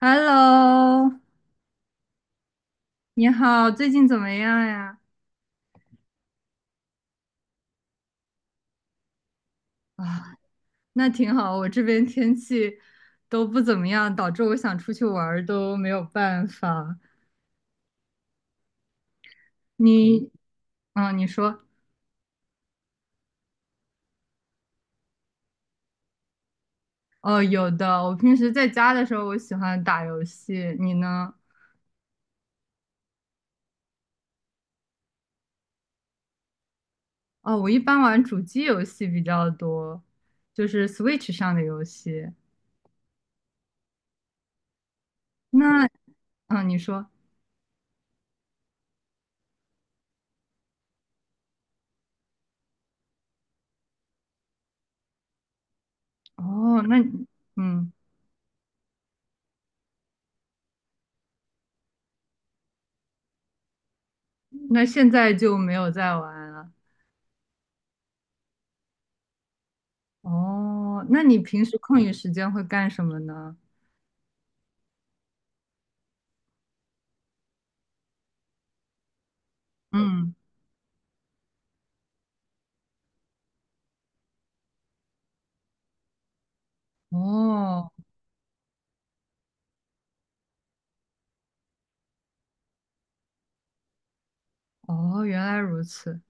Hello，你好，最近怎么样呀？啊，那挺好，我这边天气都不怎么样，导致我想出去玩儿都没有办法。你，嗯，你说。哦，有的，我平时在家的时候，我喜欢打游戏，你呢？哦，我一般玩主机游戏比较多，就是 Switch 上的游戏。那，嗯，你说。哦，那，嗯，那现在就没有在玩了。哦，那你平时空余时间会干什么呢？嗯。哦。哦，原来如此。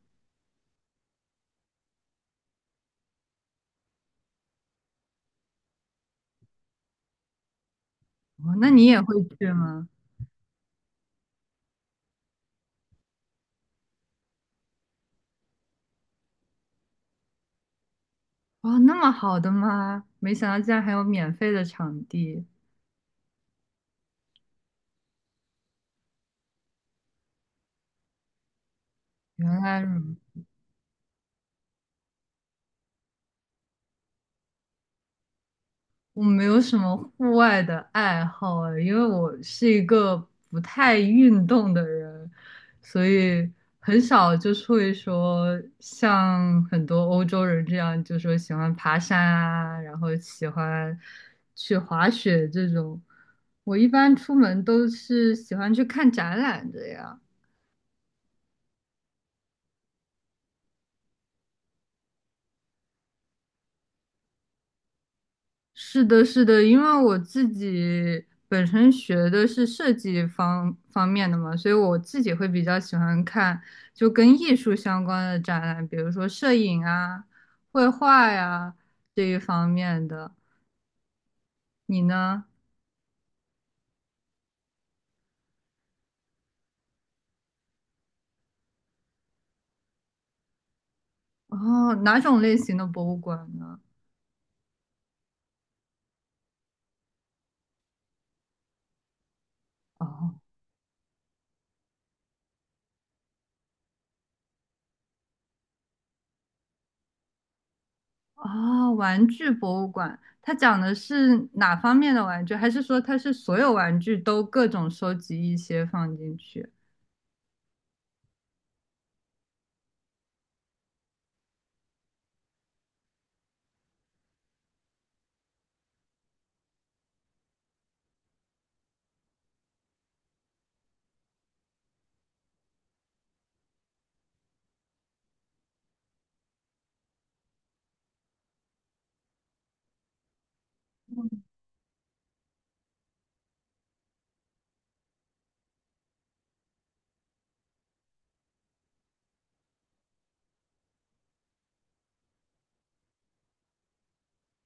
哦，那你也会去吗？哦，那么好的吗？没想到竟然还有免费的场地，原来如此。我没有什么户外的爱好啊，因为我是一个不太运动的人，所以很少就是会说像很多欧洲人这样，就说喜欢爬山啊，然后喜欢去滑雪这种。我一般出门都是喜欢去看展览的呀。是的，是的，因为我自己本身学的是设计方方面的嘛，所以我自己会比较喜欢看就跟艺术相关的展览，比如说摄影啊、绘画呀、这一方面的。你呢？哦，哪种类型的博物馆呢？哦哦，玩具博物馆，它讲的是哪方面的玩具？还是说它是所有玩具都各种收集一些放进去？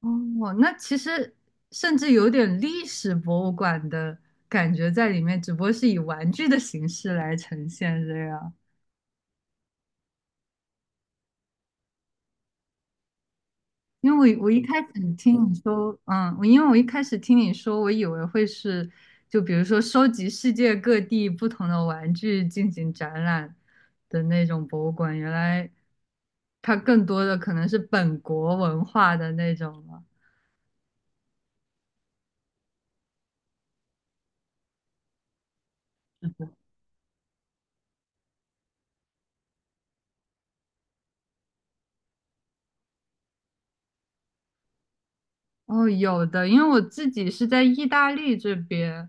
哦，那其实甚至有点历史博物馆的感觉在里面，只不过是以玩具的形式来呈现这样。因为我一开始听你说，嗯，我因为我一开始听你说，我以为会是就比如说收集世界各地不同的玩具进行展览的那种博物馆，原来它更多的可能是本国文化的那种了。哦，有的，因为我自己是在意大利这边，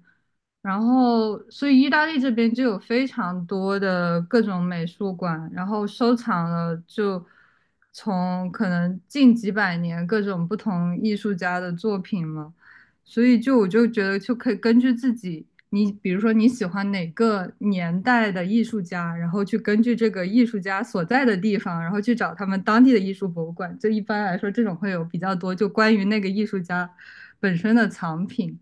然后所以意大利这边就有非常多的各种美术馆，然后收藏了就从可能近几百年各种不同艺术家的作品嘛。所以就我就觉得就可以根据自己，你比如说你喜欢哪个年代的艺术家，然后去根据这个艺术家所在的地方，然后去找他们当地的艺术博物馆。就一般来说，这种会有比较多，就关于那个艺术家本身的藏品。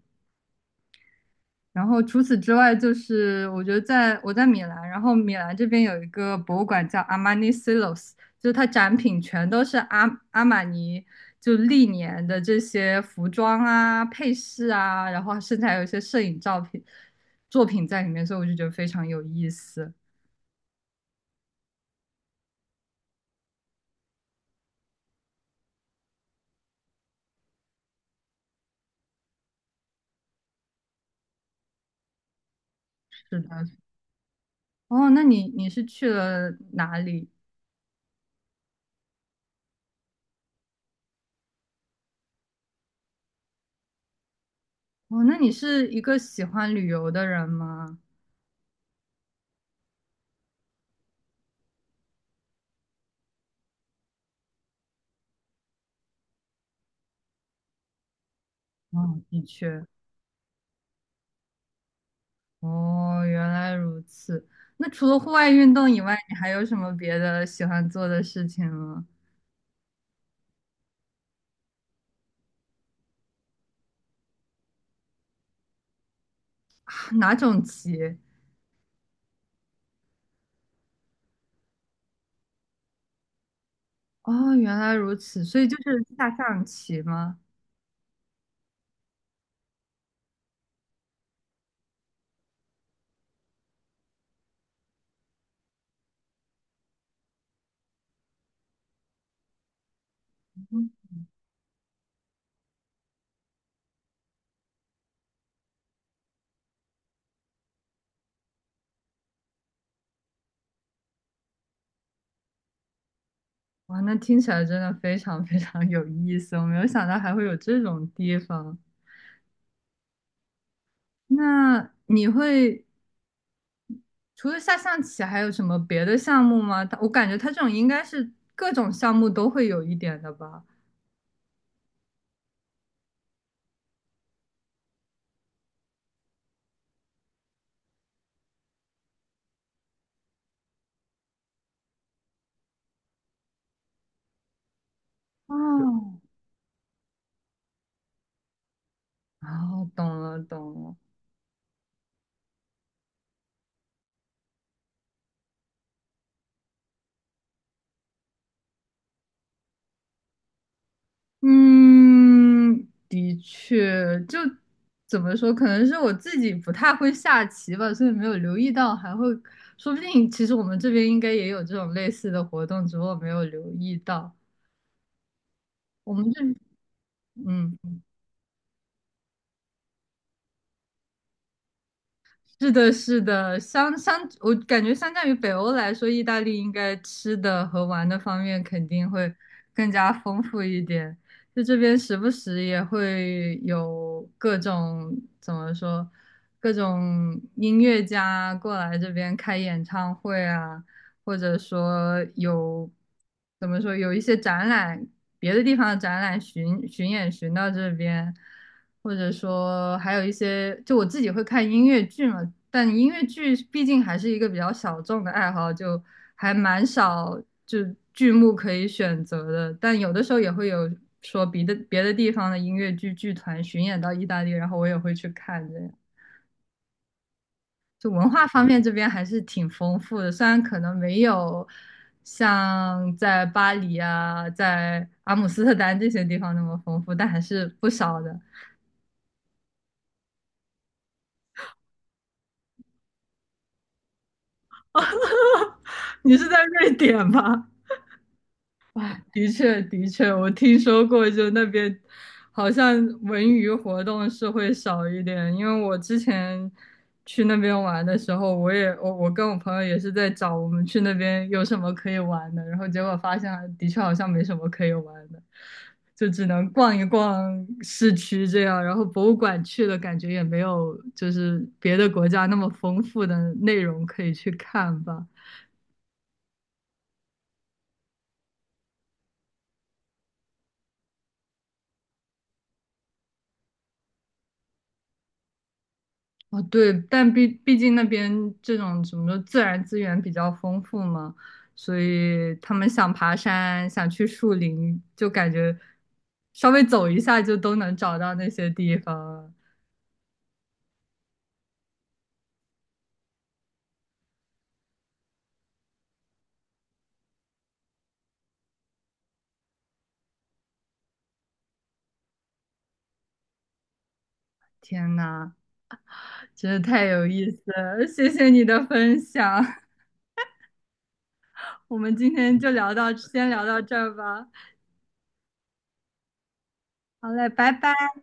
然后除此之外，就是我觉得在我在米兰，然后米兰这边有一个博物馆叫 Armani Silos，就是它展品全都是阿玛尼就历年的这些服装啊、配饰啊，然后甚至还有一些摄影照片作品在里面，所以我就觉得非常有意思。是的。哦，那你你是去了哪里？哦，那你是一个喜欢旅游的人吗？哦，的确。哦，原来如此。那除了户外运动以外，你还有什么别的喜欢做的事情吗？哪种棋？哦，原来如此，所以就是下象棋吗？嗯，哇，那听起来真的非常非常有意思，我没有想到还会有这种地方。那你会除了下象棋，还有什么别的项目吗？它我感觉它这种应该是各种项目都会有一点的吧。哦。哦，懂了懂了。嗯，的确，就怎么说，可能是我自己不太会下棋吧，所以没有留意到，还会，说不定其实我们这边应该也有这种类似的活动，只不过我没有留意到。我们这，嗯。是的，是的，相，我感觉相较于北欧来说，意大利应该吃的和玩的方面肯定会更加丰富一点。就这边时不时也会有各种怎么说，各种音乐家过来这边开演唱会啊，或者说有怎么说有一些展览，别的地方的展览巡演巡到这边。或者说还有一些，就我自己会看音乐剧嘛，但音乐剧毕竟还是一个比较小众的爱好，就还蛮少就剧目可以选择的。但有的时候也会有说别的地方的音乐剧剧团巡演到意大利，然后我也会去看的。就文化方面这边还是挺丰富的，虽然可能没有像在巴黎啊、在阿姆斯特丹这些地方那么丰富，但还是不少的。你是在瑞典吗？的确，的确，我听说过，就那边好像文娱活动是会少一点，因为我之前去那边玩的时候，我也我跟我朋友也是在找我们去那边有什么可以玩的，然后结果发现的确好像没什么可以玩的，就只能逛一逛市区这样，然后博物馆去了，感觉也没有就是别的国家那么丰富的内容可以去看吧。哦，对，但毕竟那边这种什么自然资源比较丰富嘛，所以他们想爬山，想去树林，就感觉稍微走一下就都能找到那些地方了。天呐，真的太有意思了，谢谢你的分享，我们今天就聊到，先聊到这儿吧。好嘞，拜拜。